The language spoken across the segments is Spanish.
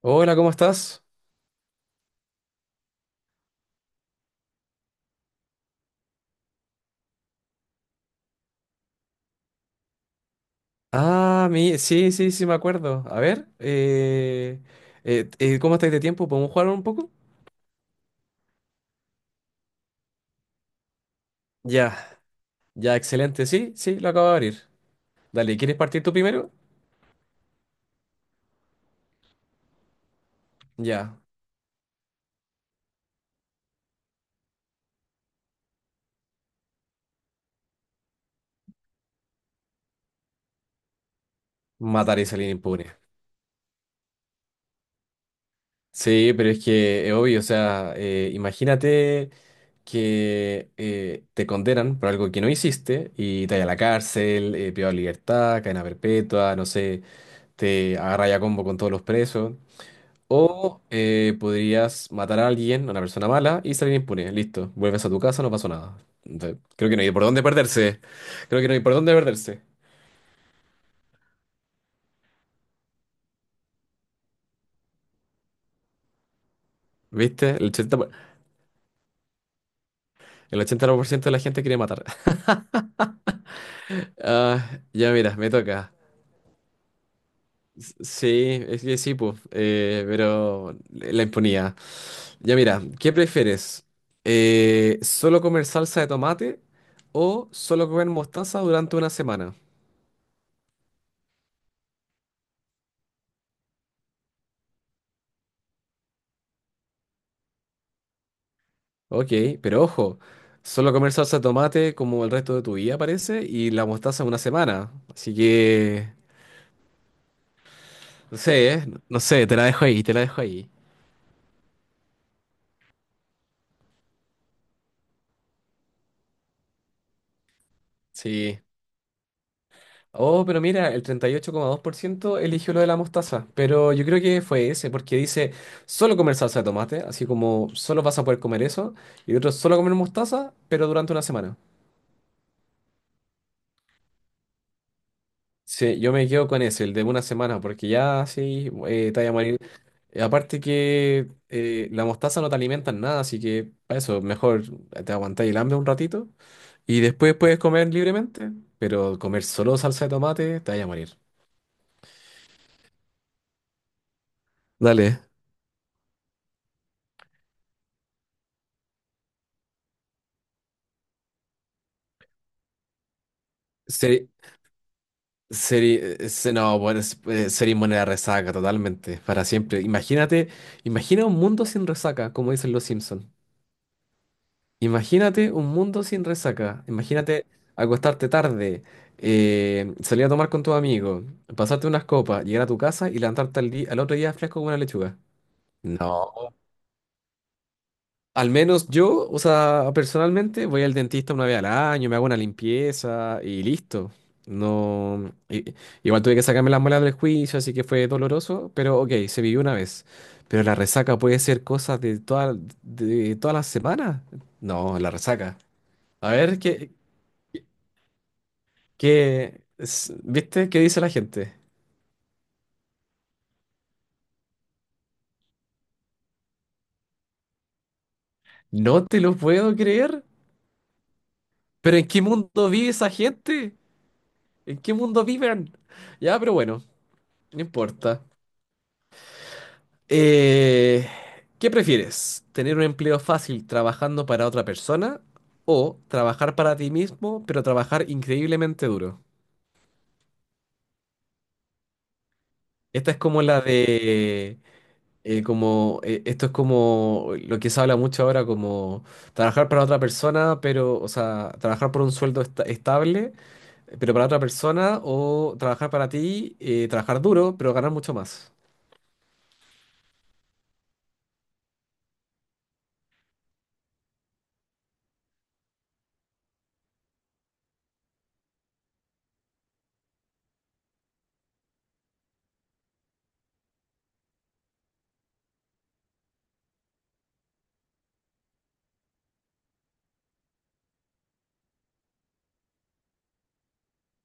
Hola, ¿cómo estás? Ah, sí, sí, sí, me acuerdo. A ver, ¿cómo estáis de tiempo? ¿Podemos jugar un poco? Ya, ya, excelente. Sí, sí, lo acabo de abrir. Dale, ¿quieres partir tú primero? Ya, matar y salir impune. Sí, pero es que es obvio, o sea, imagínate que te condenan por algo que no hiciste y te vayas a la cárcel, privado de libertad, cadena perpetua, no sé, te agarra a combo con todos los presos. O podrías matar a alguien, a una persona mala, y salir impune. Listo. Vuelves a tu casa, no pasó nada. Entonces, creo que no hay por dónde perderse. Creo que no hay por dónde perderse. ¿Viste? El 80% de la gente quiere matar. Ah, ya mira, me toca. Sí, es que sí, pues. Pero la impunidad. Ya mira, ¿qué prefieres? ¿Solo comer salsa de tomate o solo comer mostaza durante una semana? Ok, pero ojo, solo comer salsa de tomate como el resto de tu vida parece y la mostaza una semana. Así que, no sé, ¿eh? No sé, te la dejo ahí, te la dejo ahí. Sí. Oh, pero mira, el 38,2% eligió lo de la mostaza, pero yo creo que fue ese, porque dice solo comer salsa de tomate, así como solo vas a poder comer eso, y otros solo comer mostaza, pero durante una semana. Sí, yo me quedo con ese, el de una semana, porque ya sí, te vaya a morir. Aparte que la mostaza no te alimenta en nada, así que para eso mejor te aguantáis el hambre un ratito y después puedes comer libremente, pero comer solo salsa de tomate te vaya a morir. Dale. Seri, no, bueno, sería inmune a la resaca totalmente, para siempre. Imagínate, imagina un mundo sin resaca, como dicen los Simpsons. Imagínate un mundo sin resaca. Imagínate acostarte tarde, salir a tomar con tus amigos, pasarte unas copas, llegar a tu casa y levantarte al día, al otro día fresco como una lechuga. No. Al menos yo, o sea, personalmente voy al dentista una vez al año, me hago una limpieza y listo. No. Igual tuve que sacarme las muelas del juicio, así que fue doloroso, pero ok, se vivió una vez. Pero la resaca puede ser cosas de todas las semanas. No, la resaca. A ver, ¿Viste? ¿Qué dice la gente? No te lo puedo creer. ¿Pero en qué mundo vive esa gente? ¿En qué mundo viven? Ya, pero bueno, no importa. Eh, ¿Qué prefieres? ¿Tener un empleo fácil trabajando para otra persona o trabajar para ti mismo, pero trabajar increíblemente duro? Esta es como la de como esto es como lo que se habla mucho ahora, como trabajar para otra persona, pero, o sea, trabajar por un sueldo estable, pero para otra persona, o trabajar para ti, trabajar duro, pero ganar mucho más.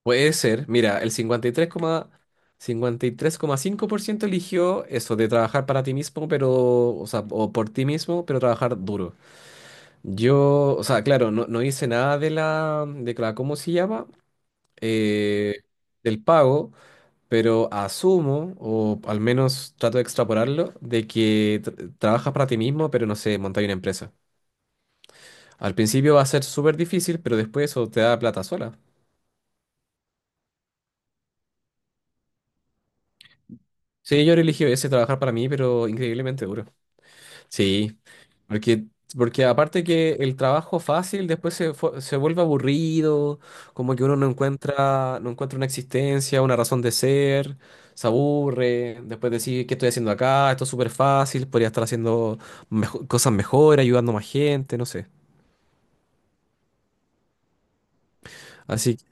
Puede ser, mira, el cincuenta y tres coma cinco por ciento eligió eso, de trabajar para ti mismo, pero, o sea, o por ti mismo, pero trabajar duro. Yo, o sea, claro, no, no hice nada de la, ¿cómo se llama? Eh, Del pago. Pero asumo, o al menos trato de extrapolarlo, de que trabajas para ti mismo, pero no sé, montar una empresa. Al principio va a ser súper difícil, pero después eso te da plata sola. Sí, yo elegí ese trabajar para mí, pero increíblemente duro. Sí, porque, porque aparte que el trabajo fácil después se vuelve aburrido, como que uno no encuentra una existencia, una razón de ser, se aburre, después decir, ¿qué estoy haciendo acá? Esto es súper fácil, podría estar haciendo cosas mejor, ayudando a más gente, no sé. Así que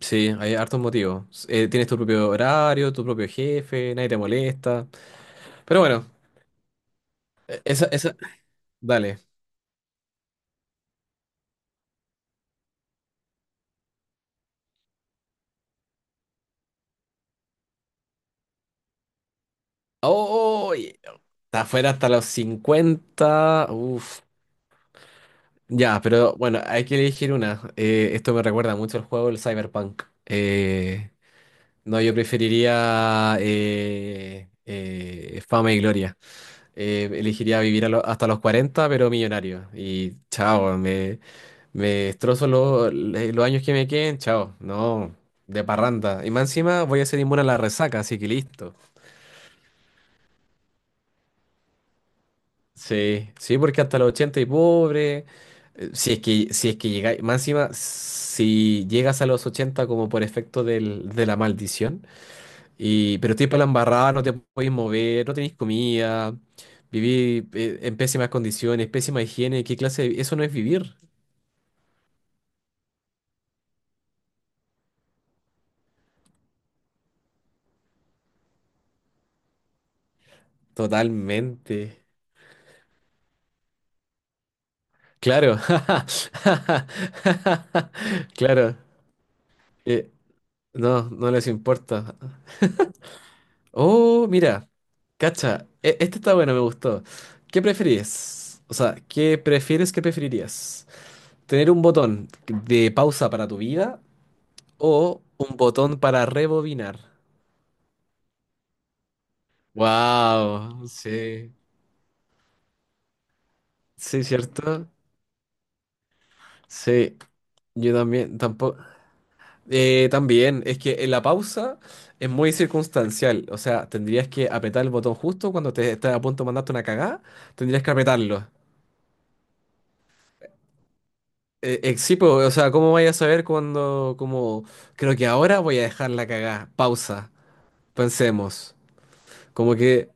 sí, hay hartos motivos. Tienes tu propio horario, tu propio jefe, nadie te molesta. Pero bueno, e- esa, esa, dale. Oh, está afuera hasta los 50. Uf. Ya, pero bueno, hay que elegir una. Esto me recuerda mucho al juego del Cyberpunk. No, yo preferiría fama y gloria. Elegiría vivir hasta los 40, pero millonario. Y chao, me destrozo los años que me queden, chao. No, de parranda. Y más encima voy a ser inmune a la resaca, así que listo. Sí, sí, porque hasta los 80 y pobre. Si es que, si es que llegáis, más encima, si llegas a los 80 como por efecto de la maldición, y, pero estoy para la embarrada, no te podéis mover, no tenéis comida, vivís en pésimas condiciones, pésima higiene, Eso no es vivir. Totalmente. Claro. Claro. eh, no, no les importa. Oh, mira, cacha, este está bueno, me gustó. ¿Qué preferís? O sea, ¿Qué preferirías? ¿Tener un botón de pausa para tu vida o un botón para rebobinar? Wow, sí, sí, cierto. Sí, yo también, tampoco. También, es que en la pausa es muy circunstancial. O sea, tendrías que apretar el botón justo cuando te estás a punto de mandarte una cagada, tendrías que apretarlo. Sí, pues, o sea, ¿cómo vaya a saber cuando, como, creo que ahora voy a dejar la cagada? Pausa, pensemos. Como que,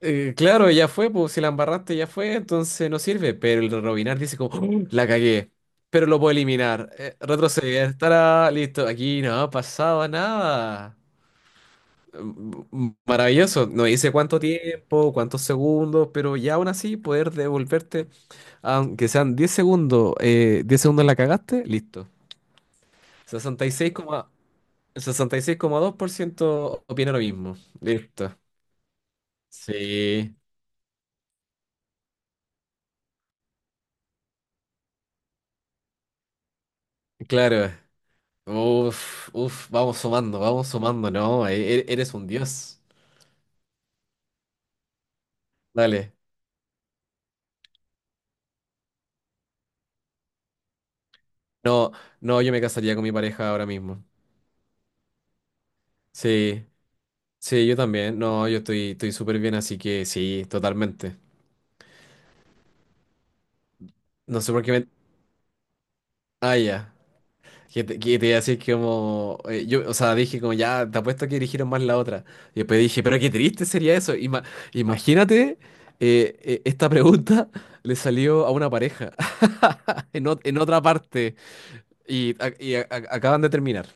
claro, ya fue, pues si la embarraste ya fue, entonces no sirve. Pero el rebobinar dice como, "Oh, la cagué, pero lo puedo eliminar. Retroceder, estará listo. Aquí no ha pasado nada. Maravilloso, no dice cuánto tiempo, cuántos segundos, pero ya aún así poder devolverte, aunque sean 10 segundos, 10 segundos la cagaste, listo. sesenta y seis coma- 66,2% opina lo mismo. Listo. Sí, claro. Uf, uf, vamos sumando, ¿no? Eres un dios. Dale. No, no, yo me casaría con mi pareja ahora mismo. Sí, sí, yo también. No, yo estoy, estoy súper bien, así que sí, totalmente. No sé por qué me... Ah, ya. Que te iba a decir que como, yo, o sea, dije como ya, te apuesto que dirigieron más la otra. Y después dije, pero qué triste sería eso. Imagínate, esta pregunta le salió a una pareja en otra parte acaban de terminar.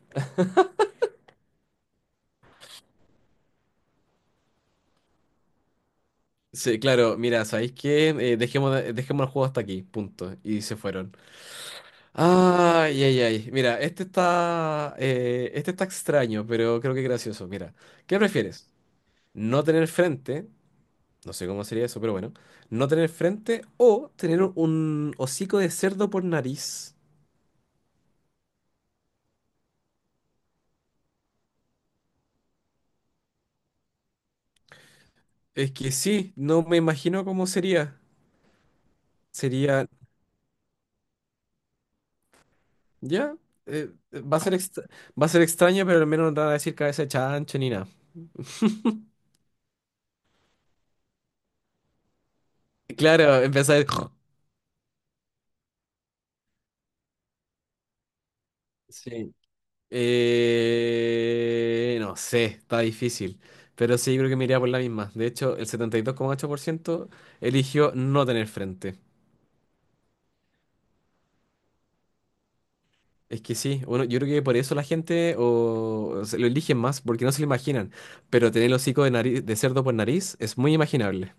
Sí, claro, mira, ¿sabéis qué? Dejemos el juego hasta aquí, punto. Y se fueron. Ay, ay, ay. Mira, este está extraño, pero creo que gracioso. Mira, ¿qué prefieres? ¿No tener frente? No sé cómo sería eso, pero bueno. No tener frente o tener un hocico de cerdo por nariz. Es que sí, no me imagino cómo sería. Sería, ya, eh, va a ser extra- va a ser extraño, pero al menos no te van a decir cabeza de chancho ni nada. Claro, empezar. Sí. No sé, está difícil. Pero sí, creo que me iría por la misma. De hecho, el 72,8% eligió no tener frente. Es que sí, bueno, yo creo que por eso la gente o se lo eligen más, porque no se lo imaginan. Pero tener el hocico de nariz, de cerdo por nariz es muy imaginable.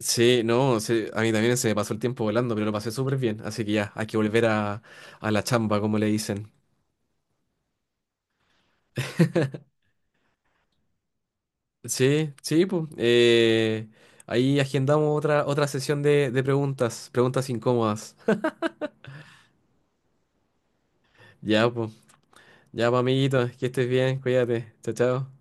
Sí, no, sí, a mí también se me pasó el tiempo volando, pero lo pasé súper bien. Así que ya, hay que volver a la chamba, como le dicen. Sí, sí, pues. Ahí agendamos otra sesión de preguntas incómodas. Ya, pues. Ya, pues, amiguito, que estés bien, cuídate. Chao, chao.